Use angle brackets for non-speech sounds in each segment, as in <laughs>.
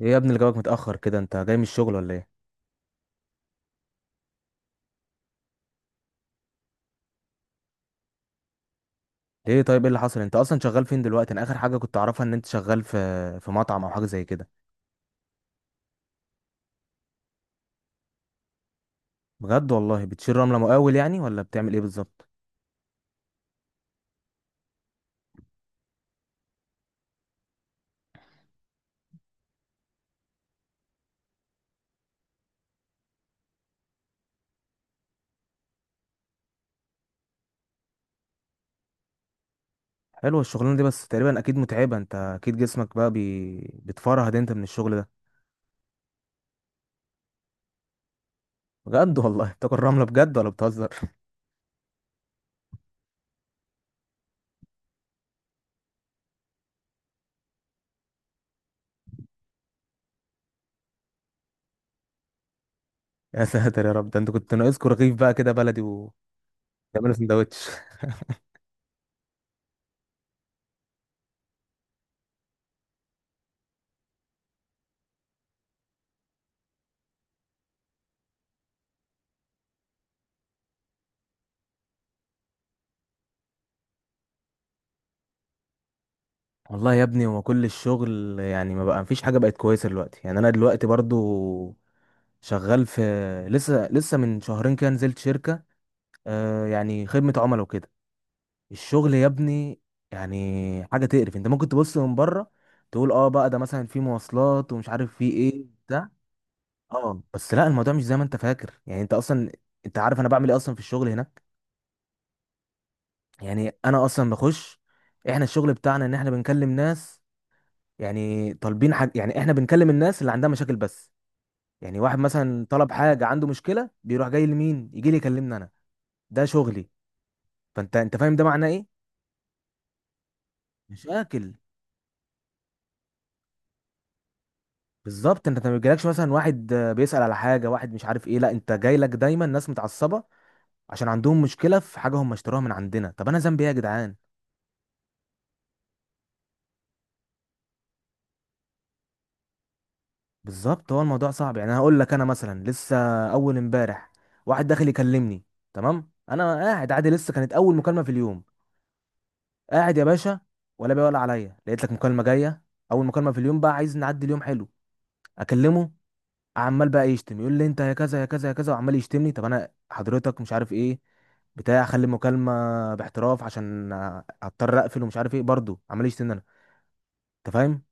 ايه يا ابني اللي جابك متأخر كده؟ انت جاي من الشغل ولا ايه؟ ليه؟ طيب ايه اللي حصل؟ انت اصلا شغال فين دلوقتي؟ انا اخر حاجة كنت اعرفها ان انت شغال في مطعم او حاجة زي كده. بجد والله؟ بتشيل رملة مقاول يعني ولا بتعمل ايه بالظبط؟ حلوة الشغلانة دي، بس تقريبا اكيد متعبة. انت اكيد جسمك بقى بتفرهد انت من الشغل ده؟ بجد والله! <laughs> بتاكل رملة بجد ولا بتهزر؟ <laughs> يا ساتر يا رب! ده انت كنت ناقصكوا رغيف بقى كده بلدي وتعملوا سندوتش. والله يا ابني، هو كل الشغل يعني ما بقى مفيش حاجة بقت كويسة دلوقتي. يعني انا دلوقتي برضو شغال في، لسه من شهرين كده نزلت شركة، يعني خدمة عملاء وكده. الشغل يا ابني يعني حاجة تقرف. انت ممكن تبص من بره تقول: اه، بقى ده مثلا في مواصلات ومش عارف في ايه بتاع. اه، بس لا الموضوع مش زي ما انت فاكر. يعني انت عارف انا بعمل ايه اصلا في الشغل هناك؟ يعني انا اصلا بخش، احنا الشغل بتاعنا ان احنا بنكلم ناس يعني طالبين حاجة. يعني احنا بنكلم الناس اللي عندها مشاكل بس. يعني واحد مثلا طلب حاجة، عنده مشكلة، بيروح جاي لمين؟ يجي لي يكلمني انا. ده شغلي. فانت فاهم ده معناه ايه؟ مشاكل. بالظبط. انت ما بيجيلكش مثلا واحد بيسأل على حاجة، واحد مش عارف ايه. لا، انت جاي لك دايما ناس متعصبة عشان عندهم مشكلة في حاجة هم اشتروها من عندنا. طب انا ذنبي ايه يا جدعان؟ بالظبط، هو الموضوع صعب. يعني انا هقول لك، انا مثلا لسه اول امبارح واحد داخل يكلمني. تمام، انا قاعد عادي، لسه كانت اول مكالمة في اليوم. قاعد يا باشا، ولا بيقول عليا لقيت لك مكالمه جايه، اول مكالمه في اليوم بقى، عايز نعدي اليوم حلو. اكلمه، عمال بقى يشتم، يقول لي انت يا كذا يا كذا يا كذا، وعمال يشتمني. طب انا حضرتك مش عارف ايه بتاع، خلي المكالمه باحتراف، عشان هضطر اقفل ومش عارف ايه، برضه عمال يشتمني انا. انت فاهم؟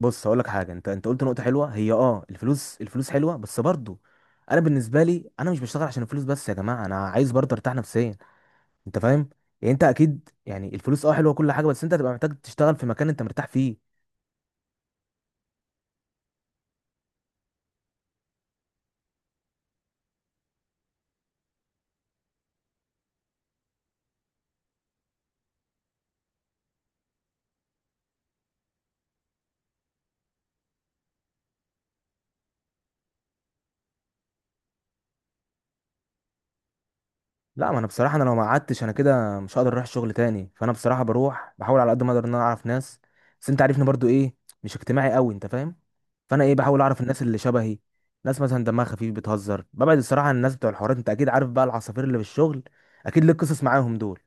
بص اقول لك حاجه، انت قلت نقطه حلوه. هي الفلوس. الفلوس حلوه بس برضه، انا بالنسبه لي انا مش بشتغل عشان الفلوس بس يا جماعه. انا عايز برضه ارتاح نفسيا. انت فاهم؟ يعني انت اكيد، يعني الفلوس حلوه كل حاجه، بس انت هتبقى محتاج تشتغل في مكان انت مرتاح فيه. لا، ما انا بصراحه انا لو ما قعدتش انا كده مش هقدر اروح الشغل تاني. فانا بصراحه بروح بحاول على قد ما اقدر ان انا اعرف ناس. بس انت عارفني برضو ايه، مش اجتماعي قوي. انت فاهم؟ فانا ايه، بحاول اعرف الناس اللي شبهي، ناس مثلا دمها خفيف بتهزر. ببعد الصراحه عن الناس بتوع الحوارات. انت اكيد عارف بقى العصافير اللي في الشغل، اكيد ليك قصص معاهم دول.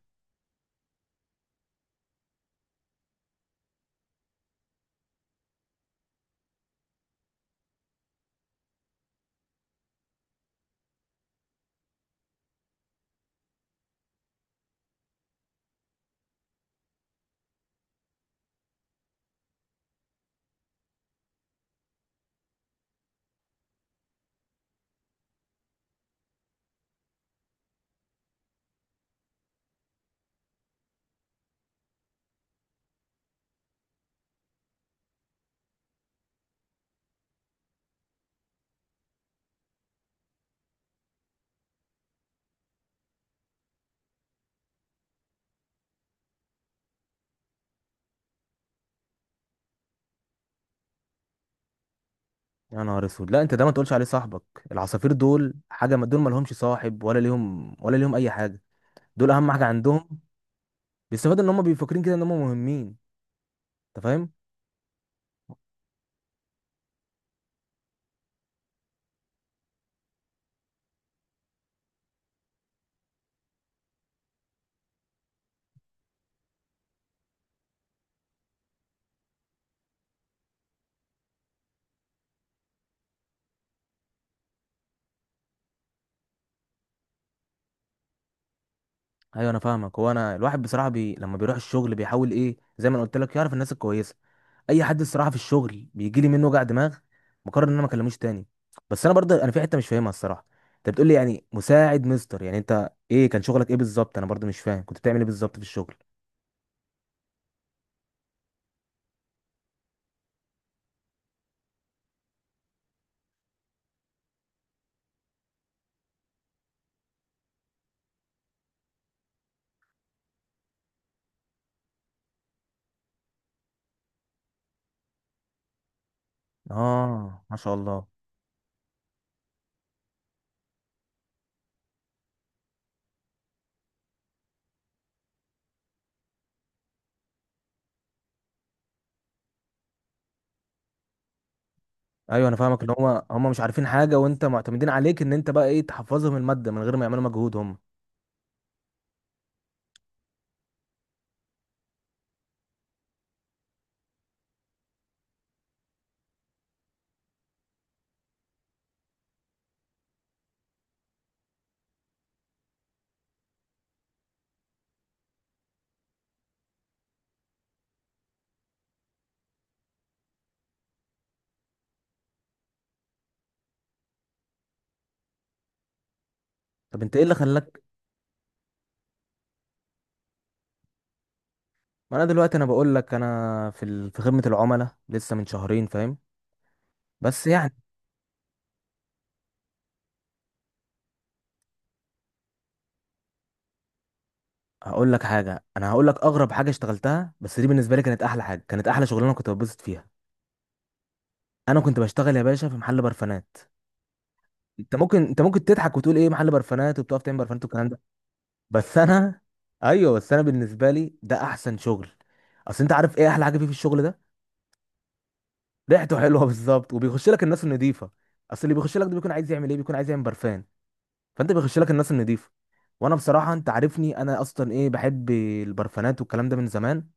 يا نهار اسود! لا، انت ده ما تقولش عليه صاحبك. العصافير دول حاجه دول ما لهمش صاحب ولا ليهم اي حاجه. دول اهم حاجه عندهم بيستفاد ان هم بيفكرين كده ان هم مهمين. انت فاهم؟ ايوه، انا فاهمك. هو انا الواحد بصراحه لما بيروح الشغل بيحاول ايه زي ما انا قلت لك، يعرف الناس الكويسه. اي حد الصراحه في الشغل بيجي لي منه وجع دماغ، بقرر ان انا ما اكلموش تاني. بس انا برضه انا في حته مش فاهمها الصراحه. انت بتقول لي يعني مساعد مستر، يعني انت ايه كان شغلك ايه بالظبط؟ انا برضه مش فاهم كنت بتعمل ايه بالظبط في الشغل. اه، ما شاء الله. ايوه انا فاهمك، ان هو هم مش عارفين حاجه وانت معتمدين عليك ان انت بقى ايه تحفظهم الماده من غير ما يعملوا مجهود هم. طب انت ايه اللي خلاك؟ ما انا دلوقتي انا بقول لك انا في في خدمة العملاء لسه من شهرين. فاهم؟ بس يعني، هقول لك حاجة، انا هقول لك اغرب حاجة اشتغلتها بس دي بالنسبة لي كانت احلى حاجة، كانت احلى شغلانة كنت بتبسط فيها. انا كنت بشتغل يا باشا في محل برفانات. انت ممكن تضحك وتقول ايه محل برفانات وبتقف تعمل برفانات والكلام ده؟ بس انا <laughs> ايوه، بس انا بالنسبة لي ده احسن شغل. اصل انت عارف ايه احلى حاجة فيه في الشغل ده؟ ريحته حلوة <laughs> بالظبط. وبيخش لك الناس النظيفة. اصل اللي بيخش لك ده بيكون عايز يعمل ايه؟ بيكون عايز يعمل برفان. فانت بيخش لك الناس النظيفه. وانا بصراحه انت عارفني، انا اصلا ايه، بحب البرفانات والكلام ده من زمان.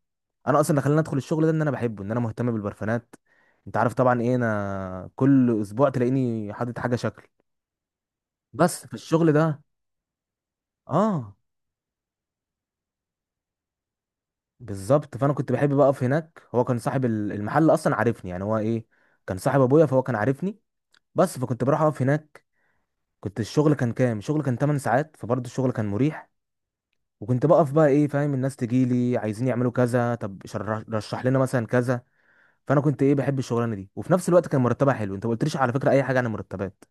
انا اصلا اللي خلاني ادخل الشغل ده ان انا بحبه، ان انا مهتم بالبرفانات. انت عارف طبعا ايه، انا كل اسبوع تلاقيني حاطط حاجه شكل. بس في الشغل ده اه، بالظبط. فانا كنت بحب بقف هناك. هو كان صاحب المحل اصلا عارفني، يعني هو ايه، كان صاحب ابويا، فهو كان عارفني. بس فكنت بروح اقف هناك. كنت الشغل كان كام؟ الشغل كان 8 ساعات، فبرضه الشغل كان مريح. وكنت بقف بقى ايه، فاهم، الناس تجي لي عايزين يعملوا كذا، طب رشح لنا مثلا كذا. فانا كنت ايه، بحب الشغلانه دي، وفي نفس الوقت كان مرتبها حلو. انت ما قلتليش على فكره اي حاجه عن المرتبات.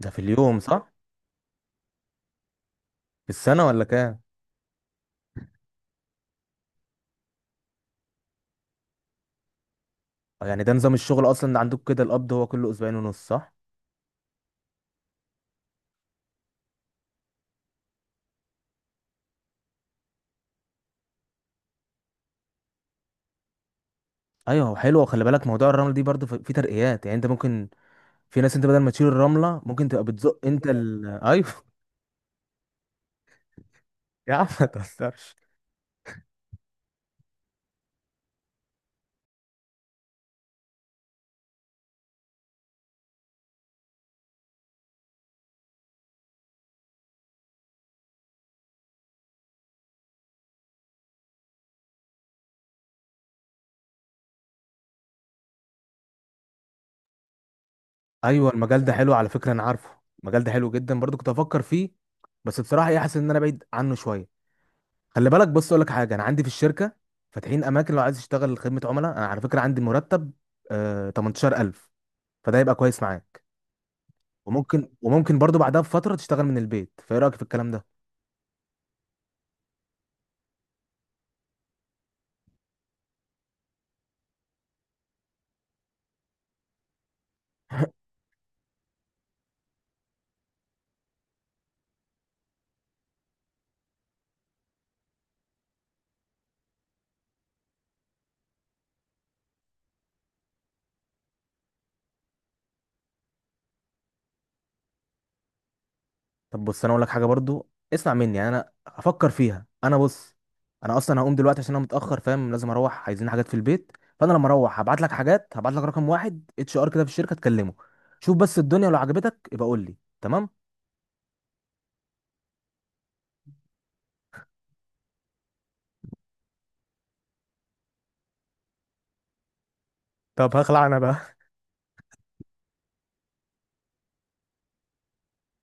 ده في اليوم صح؟ في السنه ولا كام؟ آه، يعني ده نظام الشغل اصلا ده عندك كده، القبض هو كله اسبوعين ونص صح؟ ايوه هو حلو. خلي بالك موضوع الرمل دي برضه في ترقيات، يعني انت ممكن، في ناس انت بدل ما تشيل الرمله ممكن تبقى بتزق انت ايوه <laughs> يا عم ما تهزرش. ايوه المجال ده حلو على فكره، انا عارفه. المجال ده حلو جدا، برضه كنت افكر فيه. بس بصراحه ايه، حاسس ان انا بعيد عنه شويه. خلي بالك، بص اقول لك حاجه، انا عندي في الشركه فاتحين اماكن لو عايز تشتغل خدمه عملاء. انا على فكره عندي مرتب 18000. فده يبقى كويس معاك. وممكن برضو بعدها بفتره تشتغل من البيت. فايه رايك في الكلام ده؟ طب بص، انا اقول لك حاجه برضو اسمع مني، يعني انا افكر فيها. انا بص، انا اصلا هقوم دلوقتي عشان انا متاخر، فاهم؟ لازم اروح، عايزين حاجات في البيت. فانا لما اروح هبعت لك حاجات، هبعت لك رقم واحد HR كده في الشركه تكلمه. شوف بس الدنيا لو عجبتك يبقى قول لي. تمام؟ طب هخلع انا بقى.